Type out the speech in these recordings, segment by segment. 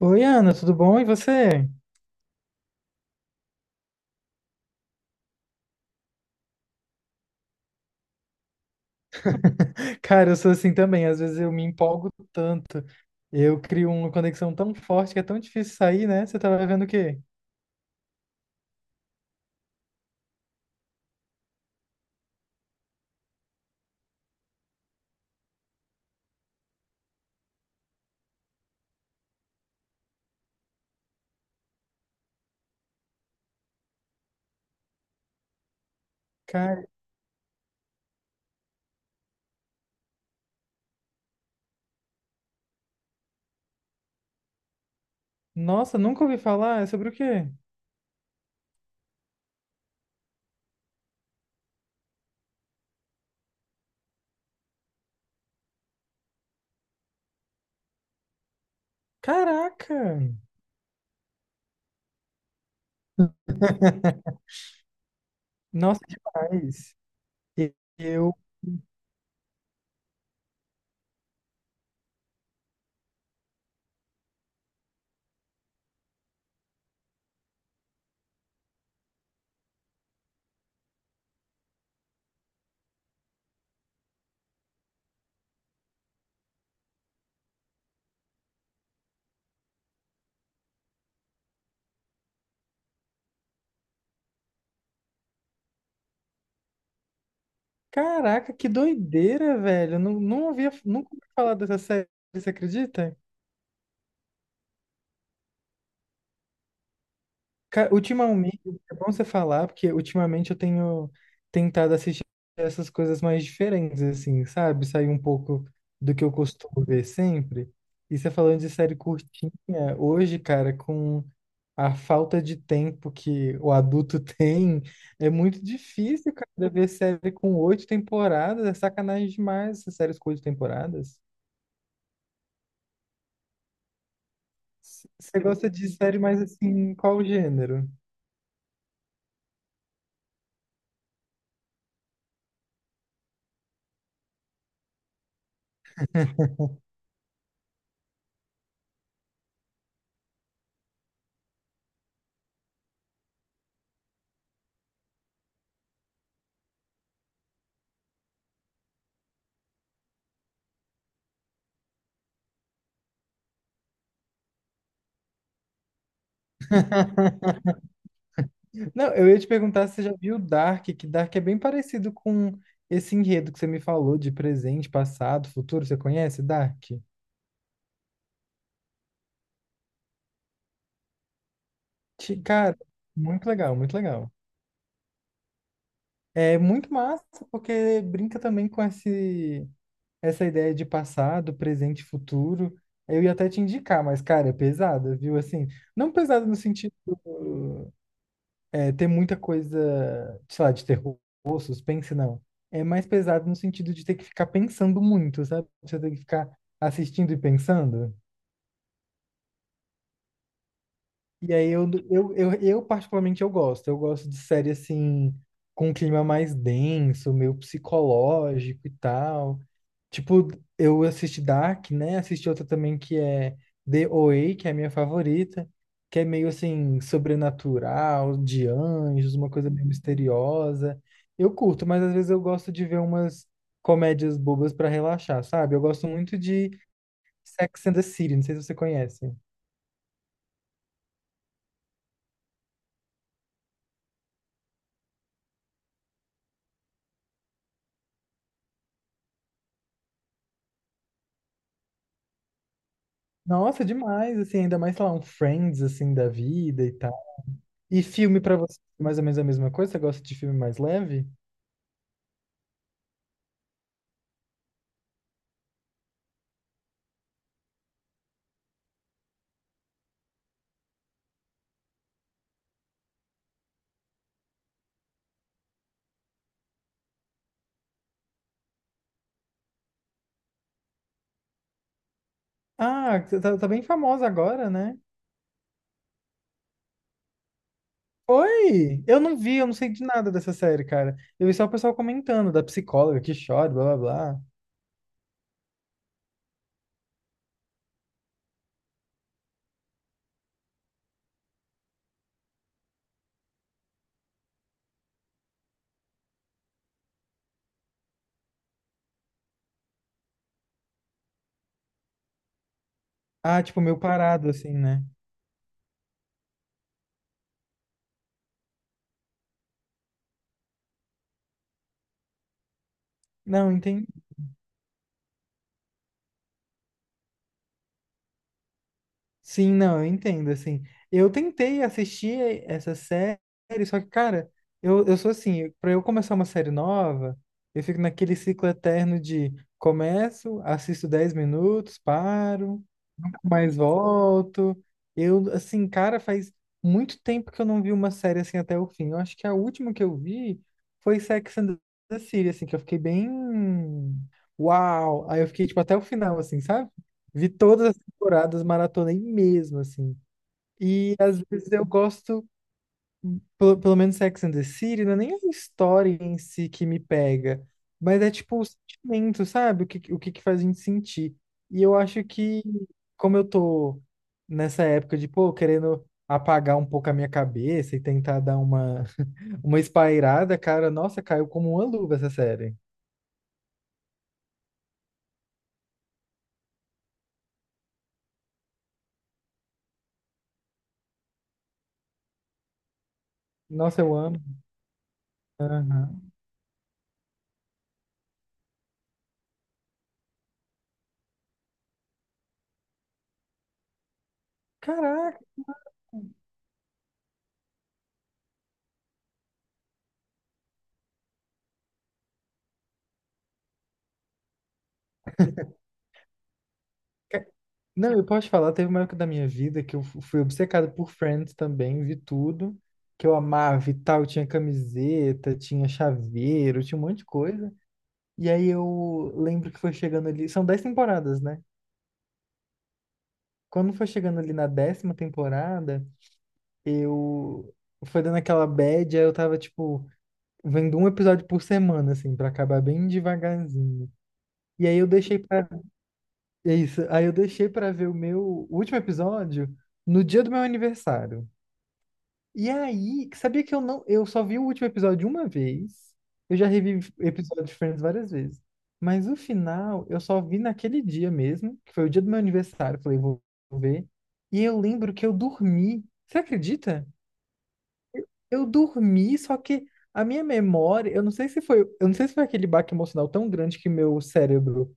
Oi, Ana, tudo bom? E você? Cara, eu sou assim também. Às vezes eu me empolgo tanto. Eu crio uma conexão tão forte que é tão difícil sair, né? Você tava vendo o quê? Cara, nossa, nunca ouvi falar. É sobre o quê? Caraca! Nossa, demais. E Eu, caraca, que doideira, velho. Eu Não, não ouvia, nunca ouvi falar dessa série, você acredita? Cara, ultimamente, é bom você falar, porque ultimamente eu tenho tentado assistir essas coisas mais diferentes, assim, sabe? Sair um pouco do que eu costumo ver sempre. E você falando de série curtinha, hoje, cara, com a falta de tempo que o adulto tem, é muito difícil, cara, ver série com oito temporadas. É sacanagem demais essas séries com oito temporadas. Você gosta de série mais assim, qual gênero? Não, eu ia te perguntar se você já viu Dark, que Dark é bem parecido com esse enredo que você me falou de presente, passado, futuro. Você conhece Dark? Cara, muito legal, muito legal. É muito massa porque brinca também com essa ideia de passado, presente, e futuro. Eu ia até te indicar, mas, cara, é pesada, viu? Assim, não pesada no sentido é, ter muita coisa, sei lá, de terror, suspense, não. É mais pesado no sentido de ter que ficar pensando muito, sabe? Você tem que ficar assistindo e pensando. E aí eu particularmente eu gosto. Eu gosto de série assim com um clima mais denso, meio psicológico e tal. Tipo, eu assisti Dark, né? Assisti outra também que é The OA, que é a minha favorita, que é meio assim sobrenatural, de anjos, uma coisa meio misteriosa. Eu curto, mas às vezes eu gosto de ver umas comédias bobas pra relaxar, sabe? Eu gosto muito de Sex and the City, não sei se você conhece. Nossa, demais, assim, ainda mais, sei lá, um Friends, assim, da vida e tal. E filme pra você, mais ou menos a mesma coisa? Você gosta de filme mais leve? Ah, você tá bem famosa agora, né? Oi! Eu não vi, eu não sei de nada dessa série, cara. Eu vi só o pessoal comentando, da psicóloga que chora, blá, blá, blá. Ah, tipo, meio parado, assim, né? Não, Sim, não, eu entendo, assim. Eu tentei assistir essa série, só que, cara, eu sou assim, pra eu começar uma série nova, eu fico naquele ciclo eterno de começo, assisto 10 minutos, paro, mais volto. Eu, assim, cara, faz muito tempo que eu não vi uma série assim até o fim. Eu acho que a última que eu vi foi Sex and the City, assim, que eu fiquei bem. Uau! Aí eu fiquei, tipo, até o final, assim, sabe? Vi todas as temporadas, maratonei mesmo, assim. E às vezes eu gosto. Pelo menos Sex and the City, não é nem a história em si que me pega, mas é tipo o sentimento, sabe? O que que faz a gente sentir. E eu acho que, como eu tô nessa época de, pô, querendo apagar um pouco a minha cabeça e tentar dar uma, uma espairada, cara, nossa, caiu como uma luva essa série. Nossa, eu amo. Aham. Caraca! Não, eu posso falar, teve uma época da minha vida que eu fui obcecado por Friends também, vi tudo, que eu amava e tal, tinha camiseta, tinha chaveiro, tinha um monte de coisa. E aí eu lembro que foi chegando ali, são dez temporadas, né? Quando foi chegando ali na décima temporada, eu foi dando aquela bad, aí eu tava, tipo, vendo um episódio por semana, assim, pra acabar bem devagarzinho. E aí eu deixei pra... É isso, aí eu deixei pra ver o meu último episódio no dia do meu aniversário. E aí, sabia que eu não, eu só vi o último episódio uma vez. Eu já revi episódios diferentes várias vezes. Mas o final, eu só vi naquele dia mesmo, que foi o dia do meu aniversário, falei, vou ver. E eu lembro que eu dormi. Você acredita? Eu dormi, só que a minha memória, eu não sei se foi, eu não sei se foi aquele baque emocional tão grande que meu cérebro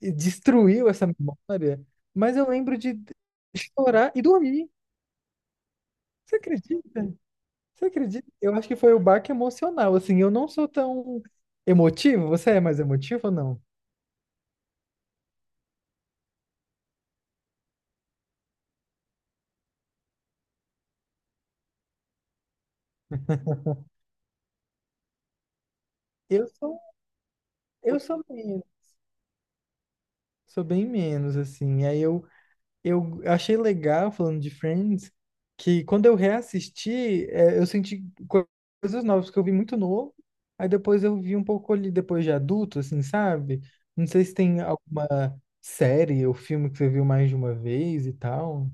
destruiu essa memória, mas eu lembro de chorar e dormir. Você acredita? Você acredita? Eu acho que foi o baque emocional. Assim, eu não sou tão emotivo. Você é mais emotivo ou não? Eu sou, eu sou menos. Sou bem menos, assim. Aí eu achei legal, falando de Friends, que quando eu reassisti, é, eu senti co- coisas novas, porque eu vi muito novo. Aí depois eu vi um pouco ali, depois de adulto, assim, sabe? Não sei se tem alguma série ou filme que você viu mais de uma vez e tal.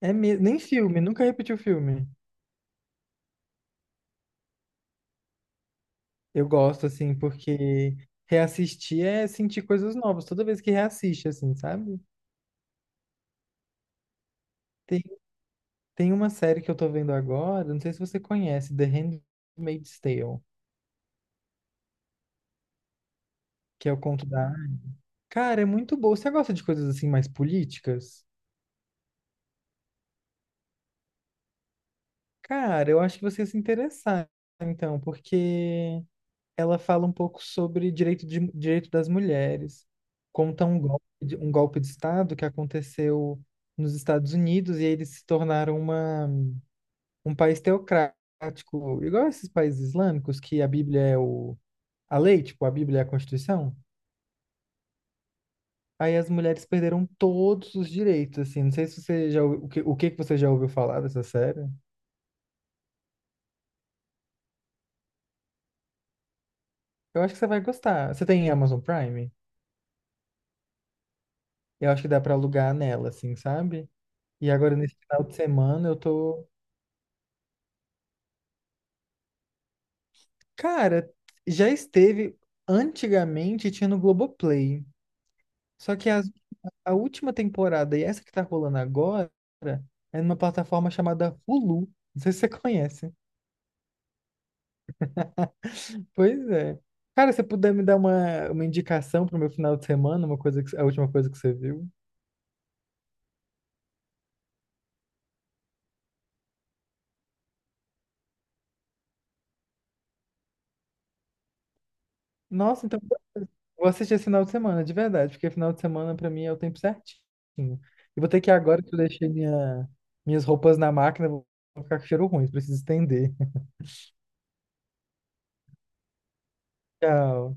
É mesmo, nem filme, nunca repeti o filme. Eu gosto, assim, porque reassistir é sentir coisas novas, toda vez que reassiste, assim, sabe? Tem, tem uma série que eu tô vendo agora, não sei se você conhece, The Handmaid's Tale, que é o conto da... Cara, é muito boa. Você gosta de coisas, assim, mais políticas? Cara, eu acho que você ia se interessar, então, porque ela fala um pouco sobre direito, de, direito das mulheres, conta um golpe, um golpe de Estado que aconteceu nos Estados Unidos e eles se tornaram uma um país teocrático, igual esses países islâmicos, que a Bíblia é o, a lei, tipo, a Bíblia é a Constituição, aí as mulheres perderam todos os direitos, assim. Não sei se você já, o que que você já ouviu falar dessa série. Eu acho que você vai gostar. Você tem Amazon Prime? Eu acho que dá pra alugar nela, assim, sabe? E agora, nesse final de semana, eu tô... Cara, já esteve... Antigamente tinha no Globoplay. Só que as a última temporada e essa que tá rolando agora é numa plataforma chamada Hulu. Não sei se você conhece. Pois é. Cara, se você puder me dar uma indicação pro meu final de semana, uma coisa que, a última coisa que você viu. Nossa, então vou assistir esse final de semana, de verdade, porque final de semana pra mim é o tempo certinho. E vou ter que ir agora que eu deixei minha, minhas roupas na máquina, vou ficar com cheiro ruim, preciso estender. Tchau.